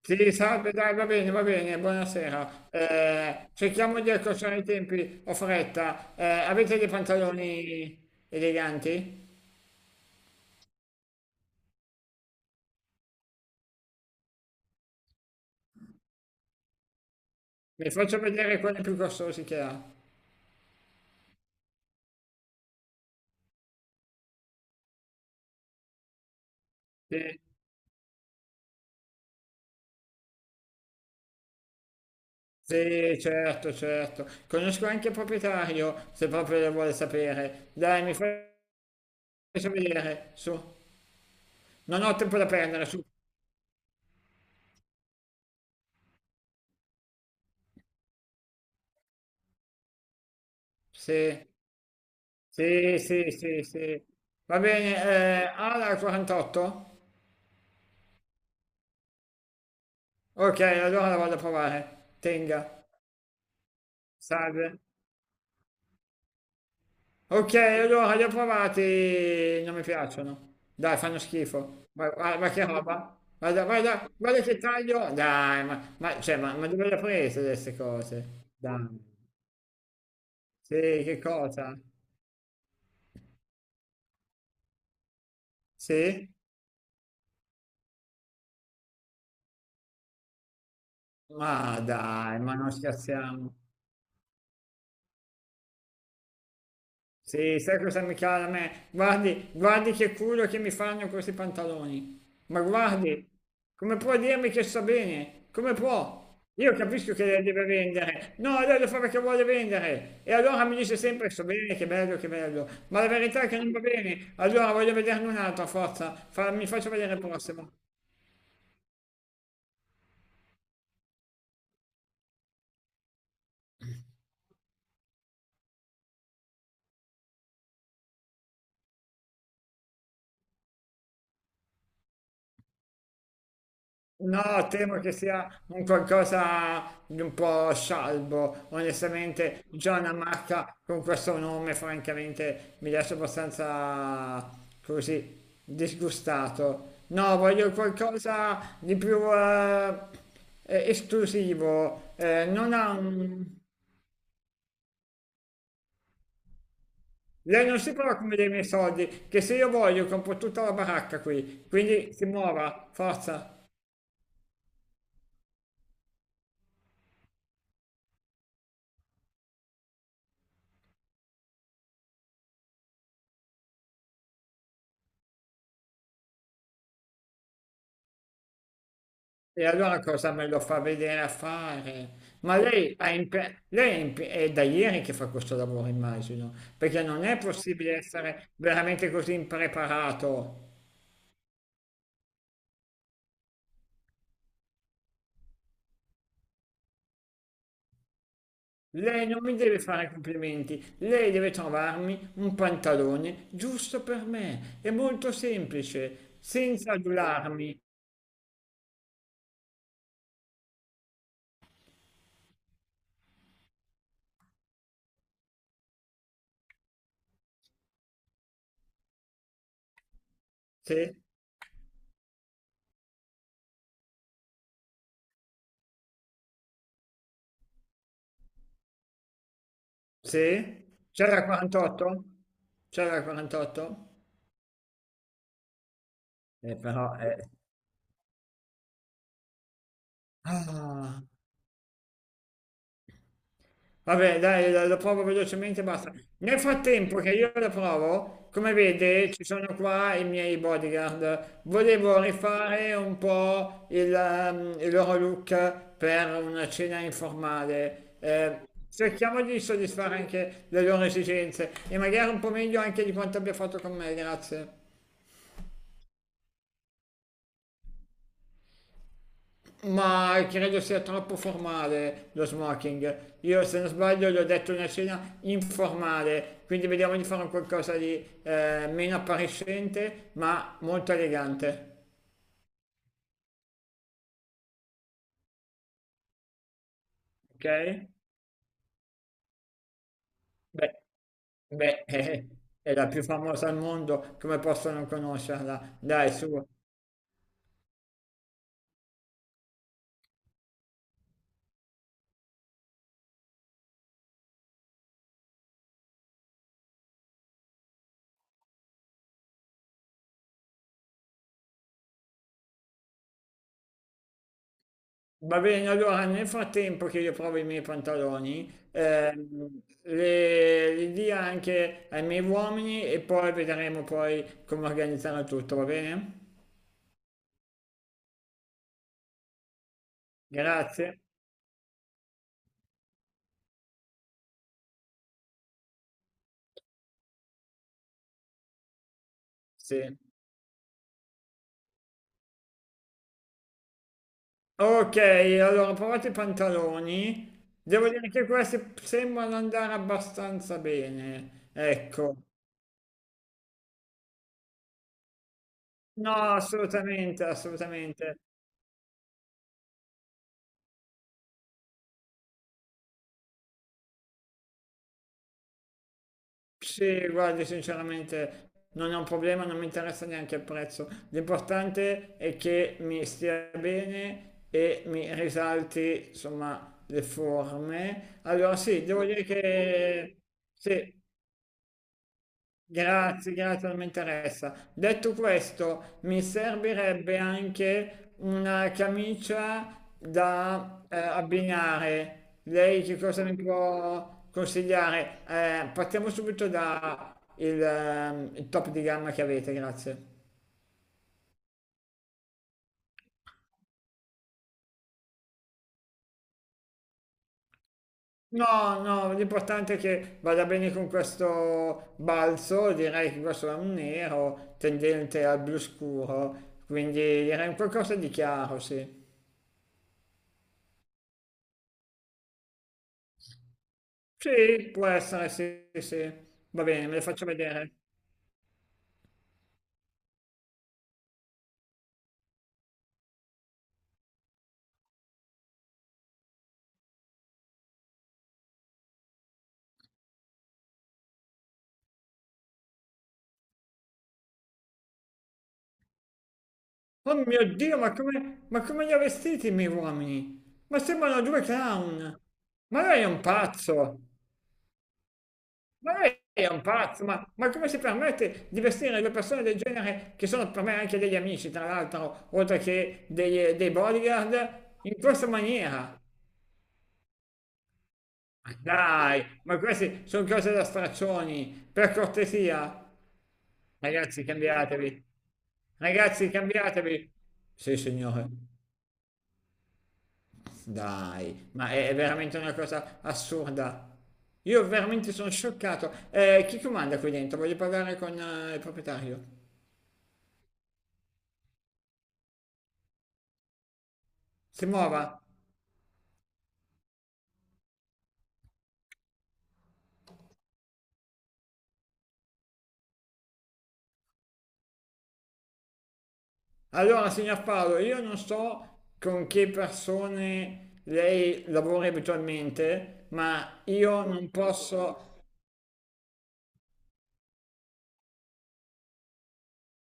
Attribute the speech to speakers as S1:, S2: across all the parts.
S1: Sì, salve, dai, va bene, buonasera. Cerchiamo di accorciare i tempi, ho fretta. Avete dei pantaloni eleganti? Vi faccio vedere quelli più costosi che ha. Sì, sì, certo, certo. Conosco anche il proprietario, se proprio lo vuole sapere. Dai, faccio vedere, su. Non ho tempo da perdere, su. Sì, sì, sì, sì, sì. Va bene, ha la 48? Ok, allora la vado a provare. Tenga. Salve. Ok, allora li ho provati, non mi piacciono. Dai, fanno schifo. Ma che roba? Guarda, guarda, guarda che taglio. Dai, cioè, ma dove le ha prese queste cose? Dai. Sì, che cosa? Sì? Ma dai, ma non scherziamo. Sì, sai cosa mi cala a me? Guardi, guardi che culo che mi fanno questi pantaloni. Ma guardi, come può dirmi che sta bene? Come può? Io capisco che lei deve vendere. No, lei lo fa perché vuole vendere. E allora mi dice sempre sto bene, che bello, che bello. Ma la verità è che non va bene. Allora voglio vederne un altro, a forza. Mi faccio vedere il prossimo. No, temo che sia un qualcosa di un po' scialbo. Onestamente, già una marca con questo nome, francamente, mi lascia abbastanza così disgustato. No, voglio qualcosa di più esclusivo. Non ha un... Lei non si trova come dei miei soldi, che se io voglio compro tutta la baracca qui, quindi si muova, forza. E allora cosa me lo fa vedere a fare? Ma lei, lei è, è da ieri che fa questo lavoro, immagino, perché non è possibile essere veramente così impreparato. Lei non mi deve fare complimenti, lei deve trovarmi un pantalone giusto per me. È molto semplice, senza adularmi. Sì? Sì? C'era 48? C'era 48? Però, eh. Ah, vabbè, dai, lo provo velocemente e basta. Nel frattempo che io la provo, come vede, ci sono qua i miei bodyguard. Volevo rifare un po' il loro look per una cena informale. Cerchiamo di soddisfare anche le loro esigenze e magari un po' meglio anche di quanto abbia fatto con me, grazie. Ma credo sia troppo formale lo smoking. Io, se non sbaglio, gli ho detto una cena informale, quindi vediamo di fare un qualcosa di meno appariscente, ma molto elegante. Ok? Beh, beh, è la più famosa al mondo, come posso non conoscerla? Dai, su. Va bene, allora nel frattempo che io provo i miei pantaloni, li dia anche ai miei uomini e poi vedremo poi come organizzare tutto, va bene? Grazie. Sì. Ok, allora provate i pantaloni. Devo dire che questi sembrano andare abbastanza bene. Ecco. No, assolutamente, assolutamente. Sì, guardi, sinceramente non è un problema, non mi interessa neanche il prezzo. L'importante è che mi stia bene e mi risalti, insomma, le forme. Allora sì, devo dire che sì. Grazie, grazie, non mi interessa. Detto questo, mi servirebbe anche una camicia da abbinare. Lei che cosa mi può consigliare? Partiamo subito da il top di gamma che avete, grazie. No, no, l'importante è che vada bene con questo balzo, direi che questo è un nero tendente al blu scuro, quindi direi un qualcosa di chiaro, sì. Sì, può essere, sì, sì, sì. Va bene, me le faccio vedere. Oh mio Dio, ma come li ha vestiti i miei uomini? Ma sembrano due clown. Ma lei è un pazzo. Ma lei è un pazzo. Ma come si permette di vestire due persone del genere, che sono per me anche degli amici, tra l'altro, oltre che dei bodyguard, in questa maniera? Dai, ma queste sono cose da straccioni, per cortesia. Ragazzi, cambiatevi. Ragazzi, cambiatevi. Sì, signore. Dai, ma è veramente una cosa assurda. Io veramente sono scioccato. Chi comanda qui dentro? Voglio parlare con il proprietario. Si muova. Allora, signor Paolo, io non so con che persone lei lavori abitualmente, ma io non posso.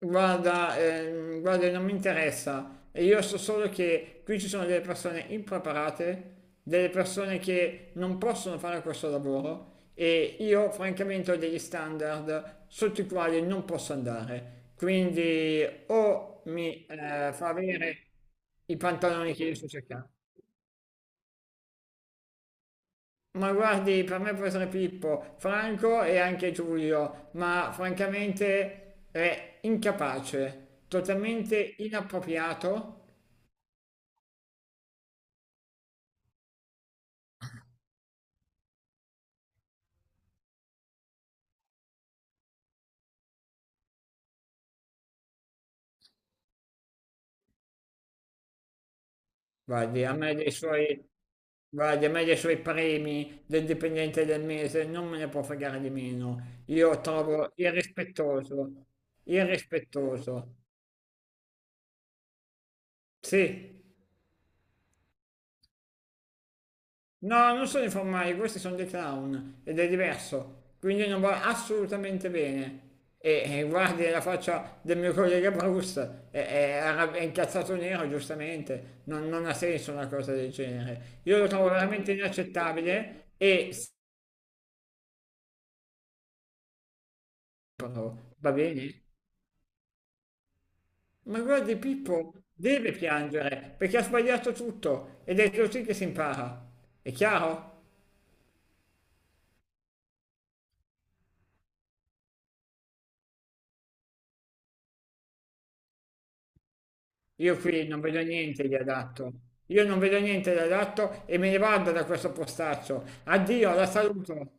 S1: Guarda, guarda, non mi interessa. E io so solo che qui ci sono delle persone impreparate, delle persone che non possono fare questo lavoro e io francamente ho degli standard sotto i quali non posso andare. Quindi o mi fa avere i pantaloni che io sto cercando. Ma guardi, per me può essere Pippo, Franco e anche Giulio, ma francamente è incapace, totalmente inappropriato. Guardi, a me dei suoi, guardi, a me dei suoi premi del dipendente del mese non me ne può fregare di meno. Io trovo irrispettoso, irrispettoso. Sì. No, non sono i formali, questi sono dei clown ed è diverso, quindi non va assolutamente bene. E guardi la faccia del mio collega Bruce, è incazzato nero, giustamente, non ha senso una cosa del genere. Io lo trovo veramente inaccettabile e Stefano, va bene? Ma guardi, Pippo deve piangere perché ha sbagliato tutto ed è così che si impara. È chiaro? Io qui non vedo niente di adatto. Io non vedo niente di adatto e me ne vado da questo postaccio. Addio, la saluto.